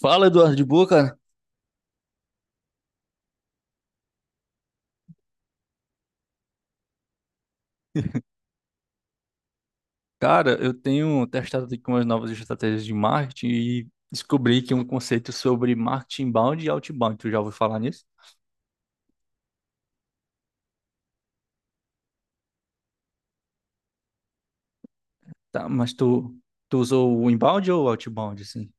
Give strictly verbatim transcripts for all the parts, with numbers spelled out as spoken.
Fala, Eduardo de Boca. Cara, eu tenho testado aqui umas novas estratégias de marketing e descobri que um conceito sobre marketing inbound e outbound. Tu já ouviu falar nisso? Tá, mas tu, tu usou o inbound ou o outbound, assim?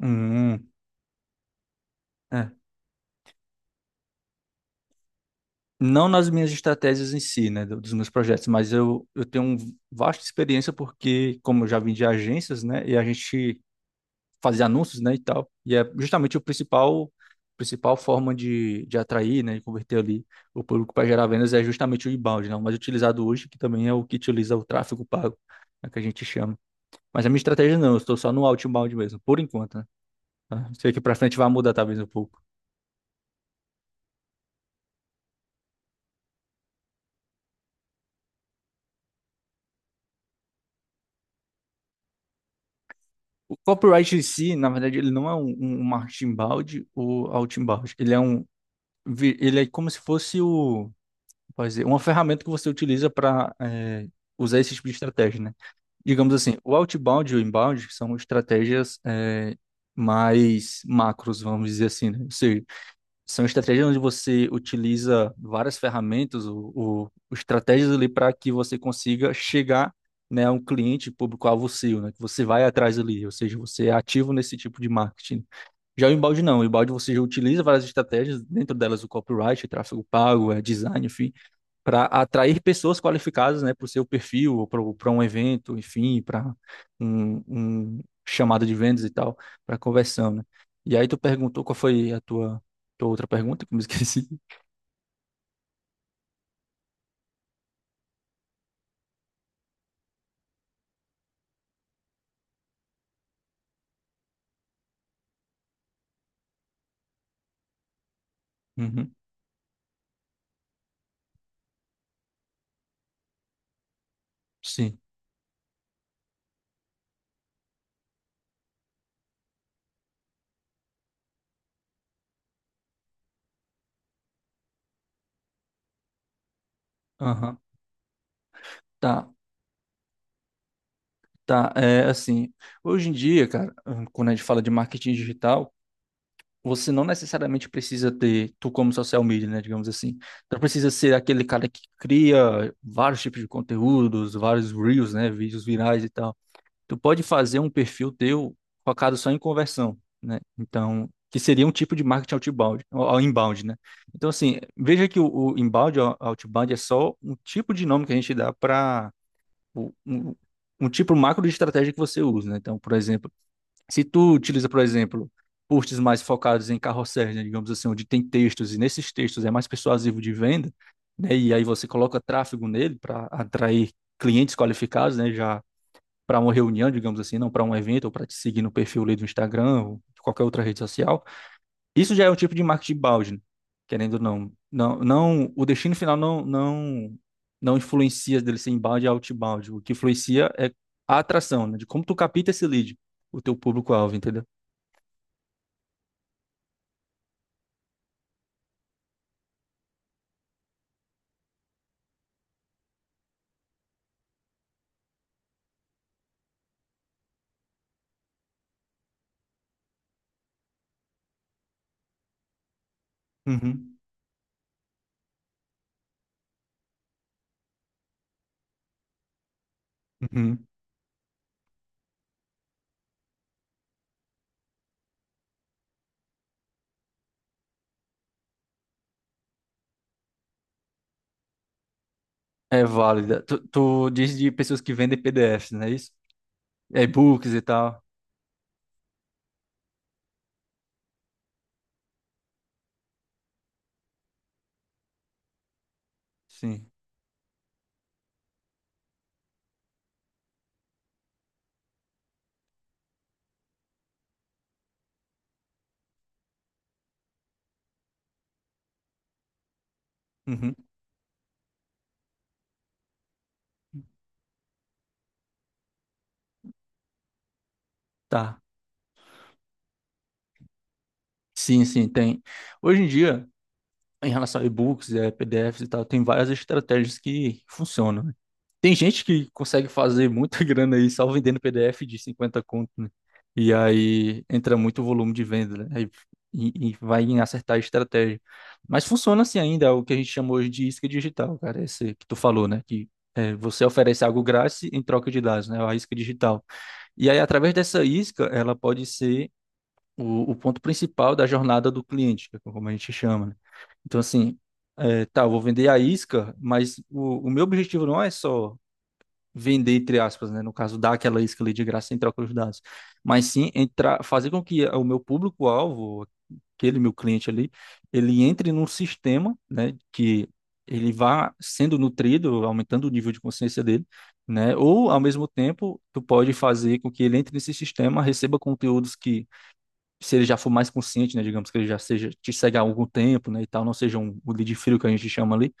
Hum, é. Não nas minhas estratégias em si, né, do- dos meus projetos, mas eu, eu tenho um vasta experiência porque, como eu já vim de agências, né, e a gente fazer anúncios, né, e tal. E é justamente o principal principal forma de, de atrair, né, e converter ali o público para gerar vendas é justamente o inbound, né, o mais utilizado hoje, que também é o que utiliza o tráfego pago, é que a gente chama. Mas a minha estratégia não, eu estou só no outbound mesmo, por enquanto, né? Tá? Sei que para frente vai mudar talvez um pouco. O copyright em si, na verdade, ele não é um, um um marketing inbound ou outbound. Ele é um, vi- ele é como se fosse o, pode dizer, uma ferramenta que você utiliza para usar esse tipo de estratégia, né? Digamos assim, o outbound e o inbound são estratégias eh, mais macros, vamos dizer assim, né? Ou seja, são estratégias onde você utiliza várias ferramentas, o, o- o- estratégias ali para que você consiga chegar, né, a um cliente público-alvo seu, né? Que você vai atrás ali, ou seja, você é ativo nesse tipo de marketing. Já o inbound não, o inbound você já utiliza várias estratégias, dentro delas o copyright, tráfego pago, eh, design, enfim, para atrair pessoas qualificadas, né, para o seu perfil, para um evento, enfim, para um, um chamado de vendas e tal, para conversão, né? E aí tu perguntou qual foi a tua, tua outra pergunta, que eu me esqueci. Uhum, sim. Aham. Tá, tá. É assim, hoje em dia, cara, hum, quando a gente fala de marketing digital, você não necessariamente precisa ter, tu como social media, né, digamos assim, tu não precisa ser aquele cara que cria vários tipos de conteúdos, vários reels, né, vídeos virais e tal. Tu pode fazer um perfil teu focado só em conversão, né? Então, que seria um tipo de marketing outbound, ou ou inbound, né? Então, assim, veja que o, o inbound, o outbound é só um tipo de nome que a gente dá para um, um tipo macro de estratégia que você usa, né? Então, por exemplo, se tu utiliza, por exemplo, posts mais focados em carrosséis, né, digamos assim, onde tem textos e nesses textos é mais persuasivo de venda, né? E aí você coloca tráfego nele para atrair clientes qualificados, né? Já para uma reunião, digamos assim, não para um evento ou para te seguir no perfil ali do Instagram ou de qualquer outra rede social, isso já é um tipo de marketing balde, né? Querendo ou não. Não, não, o destino final não, não, não influencia dele ser inbound e outbound. O que influencia é a atração, né? De como tu capta esse lead, o teu público-alvo, entendeu? Uhum, uhum. É válida. Tu, tu diz de pessoas que vendem P D Fs, não é isso? E-books e tal. Sim. Uhum. Tá. Sim, sim, tem. Hoje em dia, em relação a e-books, é, P D Fs e tal, tem várias estratégias que funcionam, né? Tem gente que consegue fazer muita grana aí só vendendo P D F de cinquenta conto, né? E aí entra muito volume de venda, né? Aí- E, e vai em acertar a estratégia. Mas funciona assim ainda, é o que a gente chama hoje de isca digital, cara, esse que tu falou, né? Que é, você oferece algo grátis em troca de dados, né? É a isca digital. E aí, através dessa isca, ela pode ser o, o ponto principal da jornada do cliente, que é como a gente chama, né? Então, assim, é, tá, eu vou vender a isca, mas o, o meu objetivo não é só vender, entre aspas, né? No caso, dar aquela isca ali de graça sem troca de dados, mas sim entrar, fazer com que o meu público-alvo, aquele meu cliente ali, ele entre num sistema, né? Que ele vá sendo nutrido, aumentando o nível de consciência dele, né? Ou, ao mesmo tempo, tu pode fazer com que ele entre nesse sistema, receba conteúdos que se ele já for mais consciente, né, digamos que ele já seja te segue há algum tempo, né, e tal, não seja um o lead frio que a gente chama ali,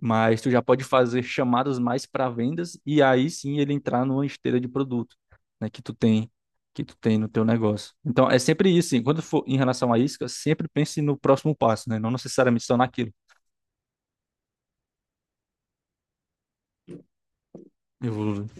mas tu já pode fazer chamadas mais para vendas e aí sim ele entrar numa esteira de produto, né, que tu tem que tu tem no teu negócio. Então é sempre isso, assim, quando for em relação a isca, sempre pense no próximo passo, né, não necessariamente só naquilo. Evoluir.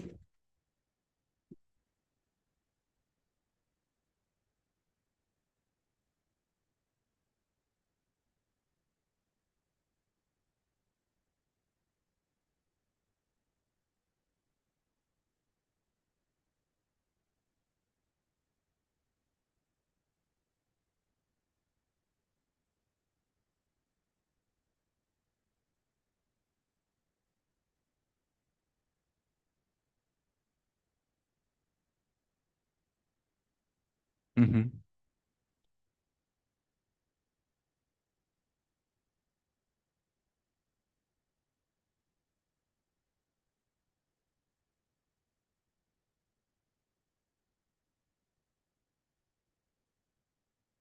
Uhum.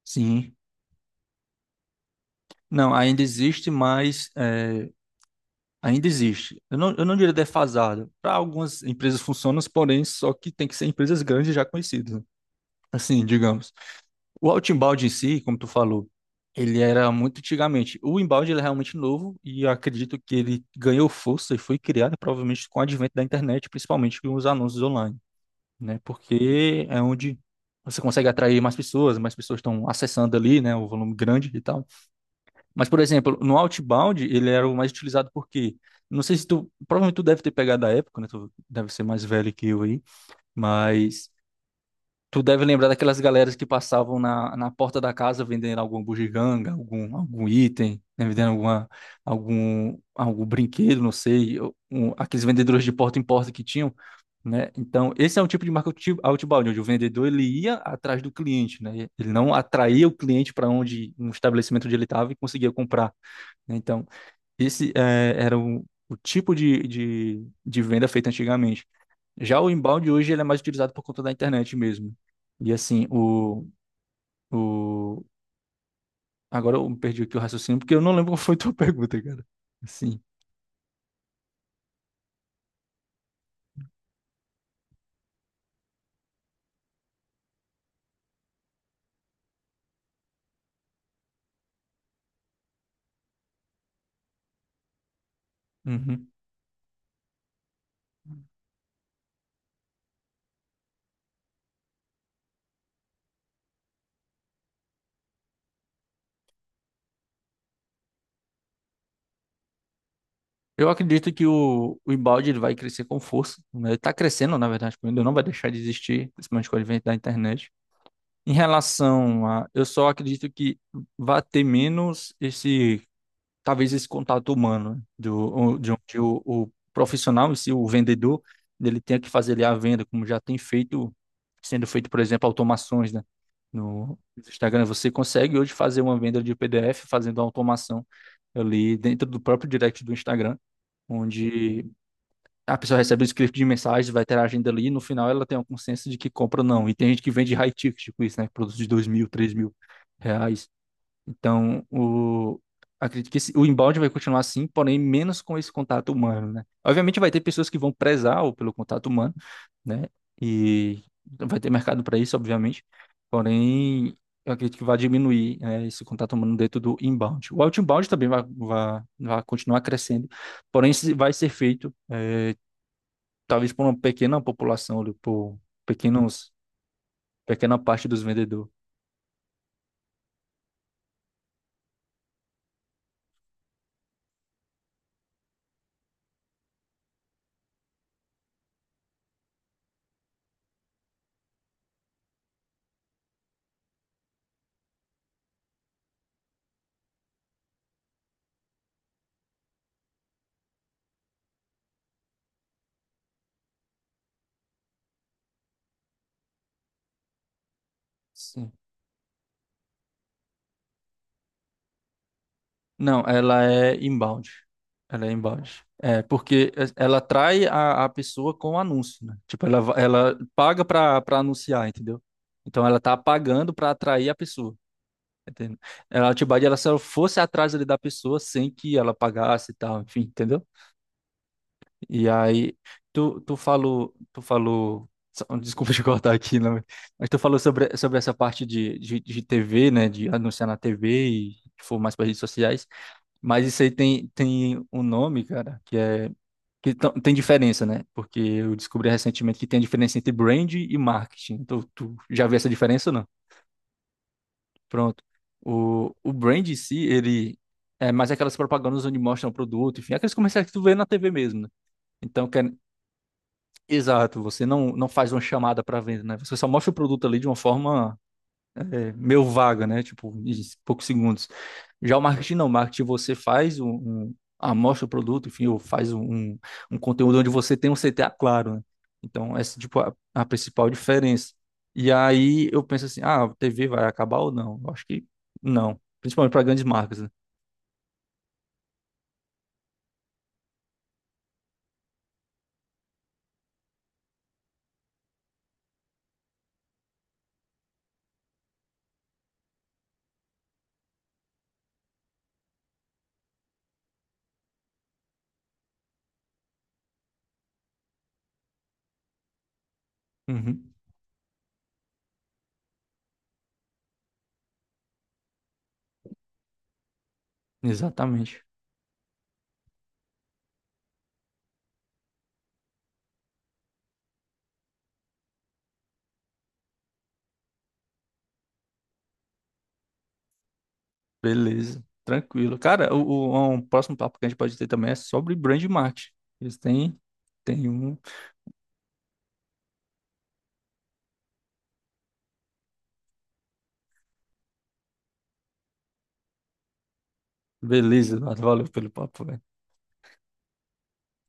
Sim. Não, ainda existe, mas é, ainda existe. Eu não, eu não diria defasado. Para algumas empresas funciona, porém, só que tem que ser empresas grandes já conhecidas, né? Assim, digamos. O outbound em si, como tu falou, ele era muito antigamente. O inbound ele é realmente novo e eu acredito que ele ganhou força e foi criado provavelmente com o advento da internet, principalmente com os anúncios online, né? Porque é onde você consegue atrair mais pessoas, mais pessoas estão acessando ali, né? O volume grande e tal. Mas, por exemplo, no Outbound, ele era o mais utilizado porque, não sei se tu, provavelmente tu deve ter pegado a época, né? Tu deve ser mais velho que eu aí, mas tu deve lembrar daquelas galeras que passavam na, na porta da casa vendendo alguma bugiganga, algum, algum item, né? Vendendo alguma, algum, algum brinquedo, não sei, um, aqueles vendedores de porta em porta que tinham, né? Então, esse é um tipo de marketing outi- outbound, onde o vendedor ele ia atrás do cliente, né? Ele não atraía o cliente para onde um estabelecimento onde ele estava e conseguia comprar né? Então, esse eh, era o, o tipo de, de, de venda feita antigamente. Já o inbound hoje ele é mais utilizado por conta da internet mesmo. E assim, o, o... agora eu perdi aqui o raciocínio porque eu não lembro qual foi a tua pergunta, cara. Sim. Uhum. Eu acredito que o, o inbound ele vai crescer com força, né? Ele está crescendo, na verdade, ainda não vai deixar de existir, principalmente com o advento da internet. Em relação a, eu só acredito que vai ter menos esse talvez esse contato humano, né? Do, o- de onde o, o profissional, se o vendedor, ele tenha que fazer ali a venda, como já tem feito, sendo feito, por exemplo, automações, né? No Instagram, você consegue hoje fazer uma venda de P D F fazendo a automação ali dentro do próprio direct do Instagram, onde a pessoa recebe o script de mensagem, vai ter a agenda ali, e no final ela tem uma consciência de que compra ou não. E tem gente que vende high ticket com isso, né? Produtos de dois mil, três mil reais. Então, o... acredito que esse- o inbound vai continuar assim, porém menos com esse contato humano, né? Obviamente vai ter pessoas que vão prezar o- pelo contato humano, né? E vai ter mercado para isso, obviamente. Porém, eu acredito que vai diminuir, né, esse contato humano dentro do inbound. O outbound também vai, vai, vai continuar crescendo, porém se- vai ser feito, eh, talvez por uma pequena população, ali, por pequenos, pequena parte dos vendedores. Não, ela é inbound. Ela é inbound. É, porque é, ela atrai a, a pessoa com o anúncio, né? Tipo, ela, va- ela paga para para anunciar, entendeu? Então ela tá pagando para atrair a pessoa, entendeu? Ela, a Tibadi, ela só fosse atrás ali da pessoa sem que ela pagasse e tal, enfim, entendeu? E aí, tu, tu falou, tu falou, só- desculpa te cortar aqui, né? Mas tu falou sobre, sobre essa parte de, de, de T V, né? De anunciar na T V e for mais para redes sociais. Mas isso aí tem, tem um nome, cara, que é. Que tão- tem diferença, né? Porque eu descobri recentemente que tem a diferença entre brand e marketing. Então, tu já viu essa diferença ou não? Pronto. O, o brand em si, ele é mais aquelas propagandas onde mostram o produto, enfim, aqueles comerciais que tu vê na T V mesmo, né? Então, que é- exato, você não, não faz uma chamada para venda, né? Você só mostra o produto ali de uma forma meio vaga, né? Tipo, em poucos segundos. Já o marketing não, o marketing você faz um, um amostra o produto, enfim, ou faz um, um, um conteúdo onde você tem um C T A claro, né? Então, essa tipo a, a principal diferença. E aí eu penso assim, ah, a T V vai acabar ou não? Eu acho que não, principalmente para grandes marcas, né? Uhum. Exatamente. Beleza, tranquilo. Cara, o, o- um próximo papo que a gente pode ter também é sobre brand marketing. Eles têm, têm um. Beleza, Eduardo, valeu pelo papo, velho.